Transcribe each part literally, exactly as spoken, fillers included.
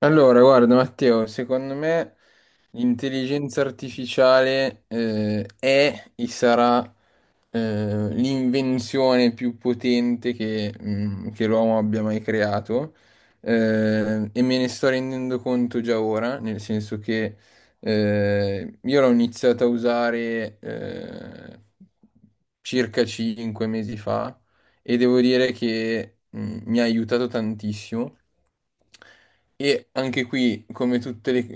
Allora, guarda Matteo, secondo me l'intelligenza artificiale eh, è e sarà eh, l'invenzione più potente che, mm, che l'uomo abbia mai creato. Eh, e me ne sto rendendo conto già ora, nel senso che eh, io l'ho iniziata a usare eh, circa cinque mesi fa, e devo dire che mm, mi ha aiutato tantissimo, e anche qui, come tutte le,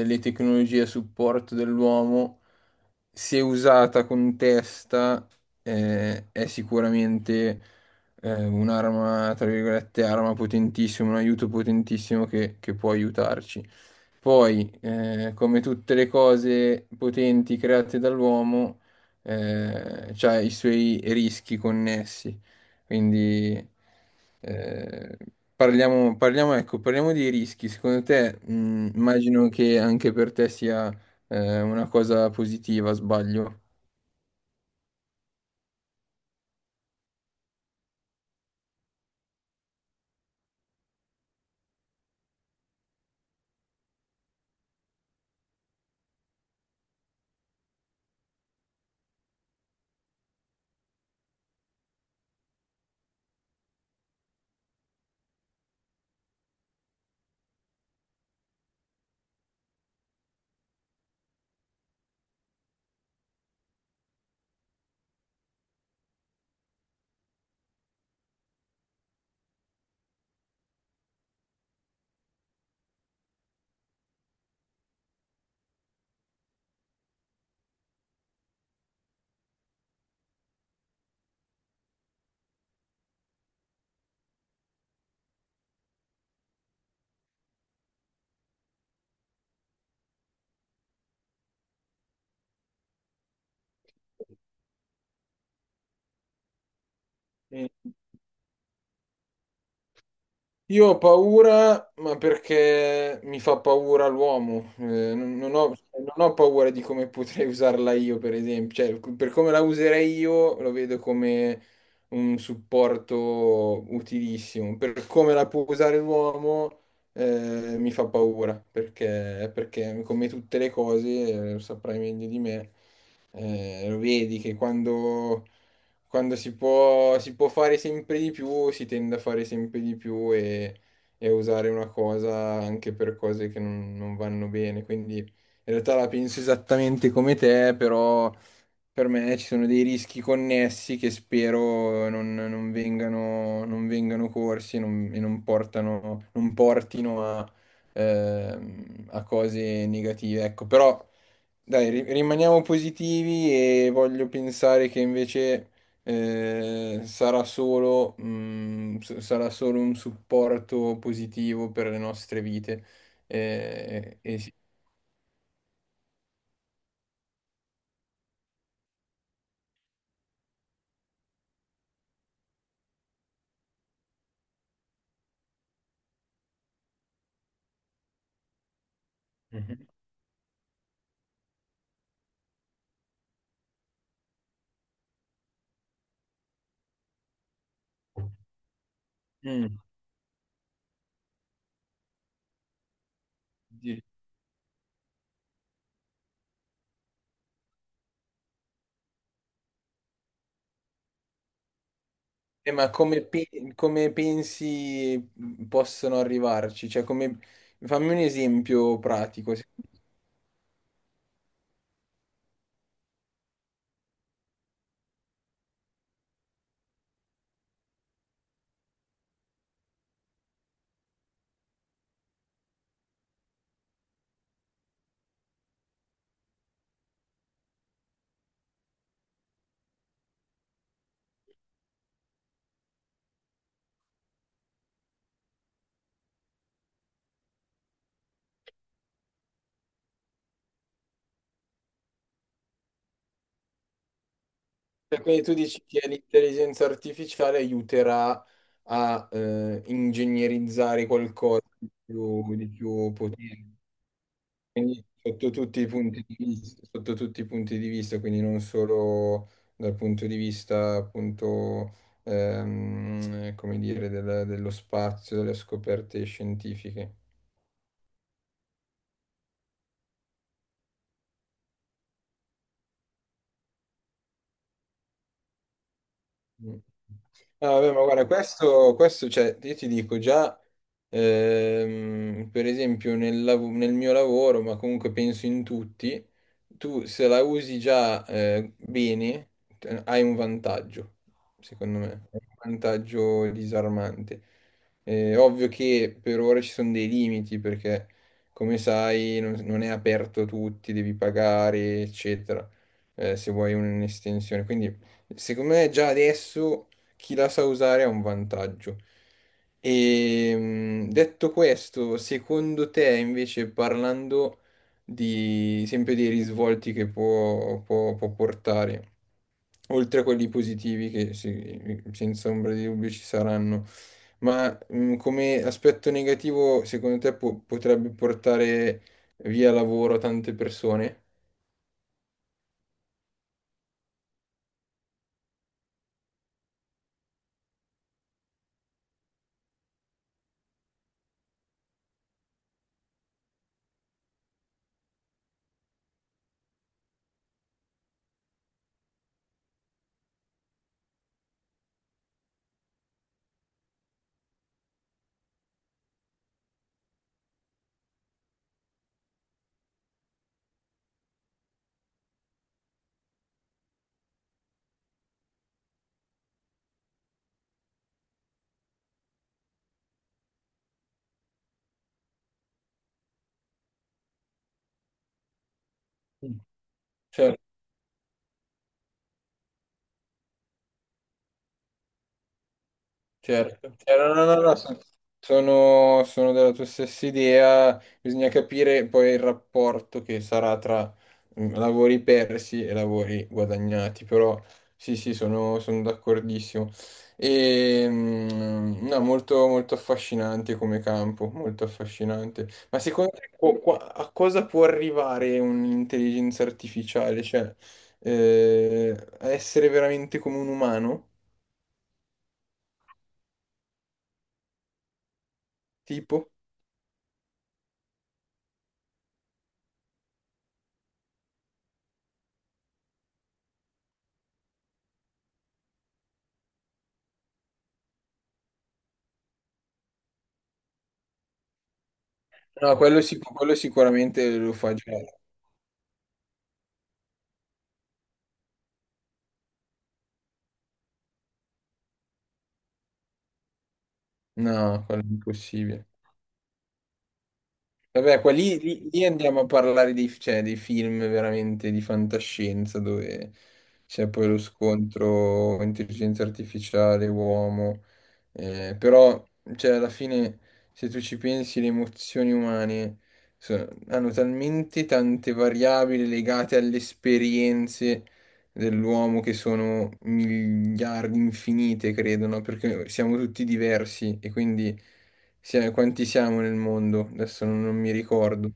eh, le tecnologie a supporto dell'uomo, se usata con testa, eh, è sicuramente eh, un'arma, tra virgolette, arma potentissima, un aiuto potentissimo che, che può aiutarci. Poi, eh, come tutte le cose potenti create dall'uomo, eh, c'ha i suoi rischi connessi. Quindi... Eh, Parliamo, parliamo, ecco, parliamo dei rischi. Secondo te, mh, immagino che anche per te sia eh, una cosa positiva, sbaglio? Sì. Io ho paura, ma perché mi fa paura l'uomo. Eh, non, non ho, cioè, non ho paura di come potrei usarla io, per esempio. Cioè, per come la userei io, lo vedo come un supporto utilissimo. Per come la può usare l'uomo, eh, mi fa paura, perché, perché come tutte le cose, eh, lo saprai meglio di me, eh, lo vedi che quando quando si può, si può fare sempre di più, si tende a fare sempre di più e, e a usare una cosa anche per cose che non, non vanno bene. Quindi in realtà la penso esattamente come te, però per me ci sono dei rischi connessi che spero non, non vengano, non vengano corsi e non, e non portano, non portino a, ehm, a cose negative. Ecco, però dai, ri- rimaniamo positivi e voglio pensare che invece eh, sarà solo, mm, s- sarà solo un supporto positivo per le nostre vite. Eh, e sì. Mhm. Mm. Eh, ma come, pe- come pensi mhmm, possono arrivarci? Cioè, come... Fammi un esempio pratico. Se- cioè, Quindi tu dici che l'intelligenza artificiale aiuterà a eh, ingegnerizzare qualcosa di più, di più potente. Quindi sotto tutti i punti di vista, sotto tutti i punti di vista, quindi non solo dal punto di vista appunto, ehm, come dire, del- dello spazio, delle scoperte scientifiche. Mm. No, vabbè, ma guarda, questo, questo, cioè, io ti dico già, ehm, per esempio, nel, lav- nel mio lavoro, ma comunque penso in tutti, tu se la usi già eh, bene, eh, hai un vantaggio, secondo me, è un vantaggio disarmante. Eh, ovvio che per ora ci sono dei limiti, perché come sai non, non è aperto a tutti, devi pagare, eccetera, eh, se vuoi un'estensione. Quindi secondo me già adesso chi la sa usare ha un vantaggio. E mh, detto questo, secondo te invece parlando di sempre dei risvolti che può, può- può portare, oltre a quelli positivi che sì, senza ombra di dubbio ci saranno, ma mh, come aspetto negativo secondo te po- potrebbe portare via lavoro a tante persone? Mm. Cioè, Certo, Certo, no, no, no, son- sono, sono della tua stessa idea, bisogna capire poi il rapporto che sarà tra mm, lavori persi e lavori guadagnati, però sì, sì, sono, sono d'accordissimo. E, mm, no, molto, molto affascinante come campo, molto affascinante. Ma secondo te co- qua- a cosa può arrivare un'intelligenza artificiale? Cioè, eh, a essere veramente come un umano? Tipo? No, quello, sic- quello sicuramente lo fa già. No, quello è impossibile. Vabbè, qua lì, lì- lì andiamo a parlare dei, cioè, dei film veramente di fantascienza dove c'è poi lo scontro intelligenza artificiale, uomo. Eh, però, cioè, alla fine, se tu ci pensi, le emozioni umane so- hanno talmente tante variabili legate alle esperienze dell'uomo che sono miliardi, infinite, credo, no? Perché siamo tutti diversi e quindi sia- quanti siamo nel mondo? Adesso non, non mi ricordo.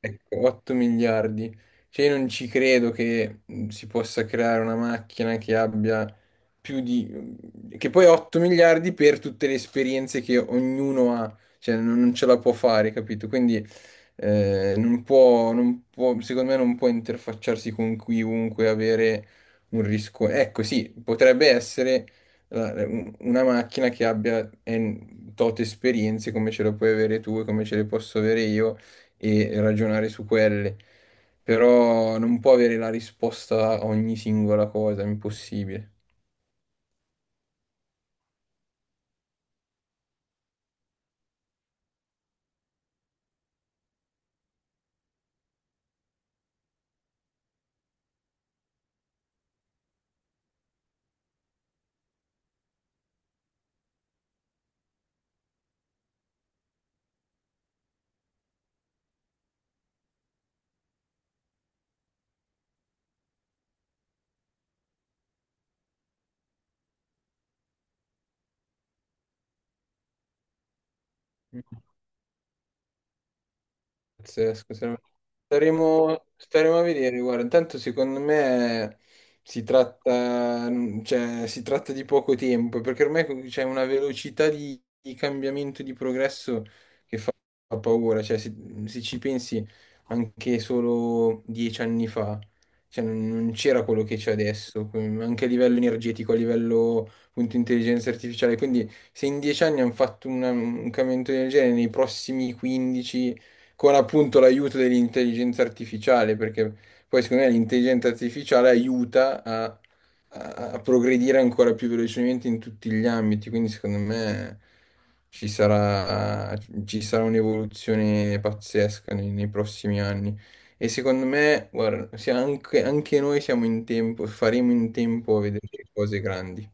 Ecco, otto miliardi. Cioè, io non ci credo che mh, si possa creare una macchina che abbia più di... che poi otto miliardi per tutte le esperienze che ognuno ha, cioè non, non ce la può fare, capito? Quindi eh, non può, non può- secondo me non può interfacciarsi con chiunque, avere un rischio. Ecco, sì, potrebbe essere la- un- una macchina che abbia en- tot esperienze come ce le puoi avere tu e come ce le posso avere io e ragionare su quelle. Però non può avere la risposta a ogni singola cosa, è impossibile. Pazzesco, saremo- staremo, staremo a vedere, guarda, intanto secondo me si tratta, cioè, si tratta di poco tempo, perché ormai co- c'è una velocità di, di cambiamento, di progresso. Fa paura, cioè se, se ci pensi anche solo dieci anni fa, cioè, non non c'era quello che c'è adesso, que- anche a livello energetico, a livello appunto intelligenza artificiale, quindi se in dieci anni hanno fatto una- un cambiamento del genere, nei prossimi quindici con appunto l'aiuto dell'intelligenza artificiale, perché poi secondo me l'intelligenza artificiale aiuta a a progredire ancora più velocemente in tutti gli ambiti, quindi secondo me ci sarà, ci sarà un'evoluzione pazzesca nei, nei prossimi anni. E secondo me, guarda, se anche, anche noi siamo in tempo, faremo in tempo a vedere cose grandi.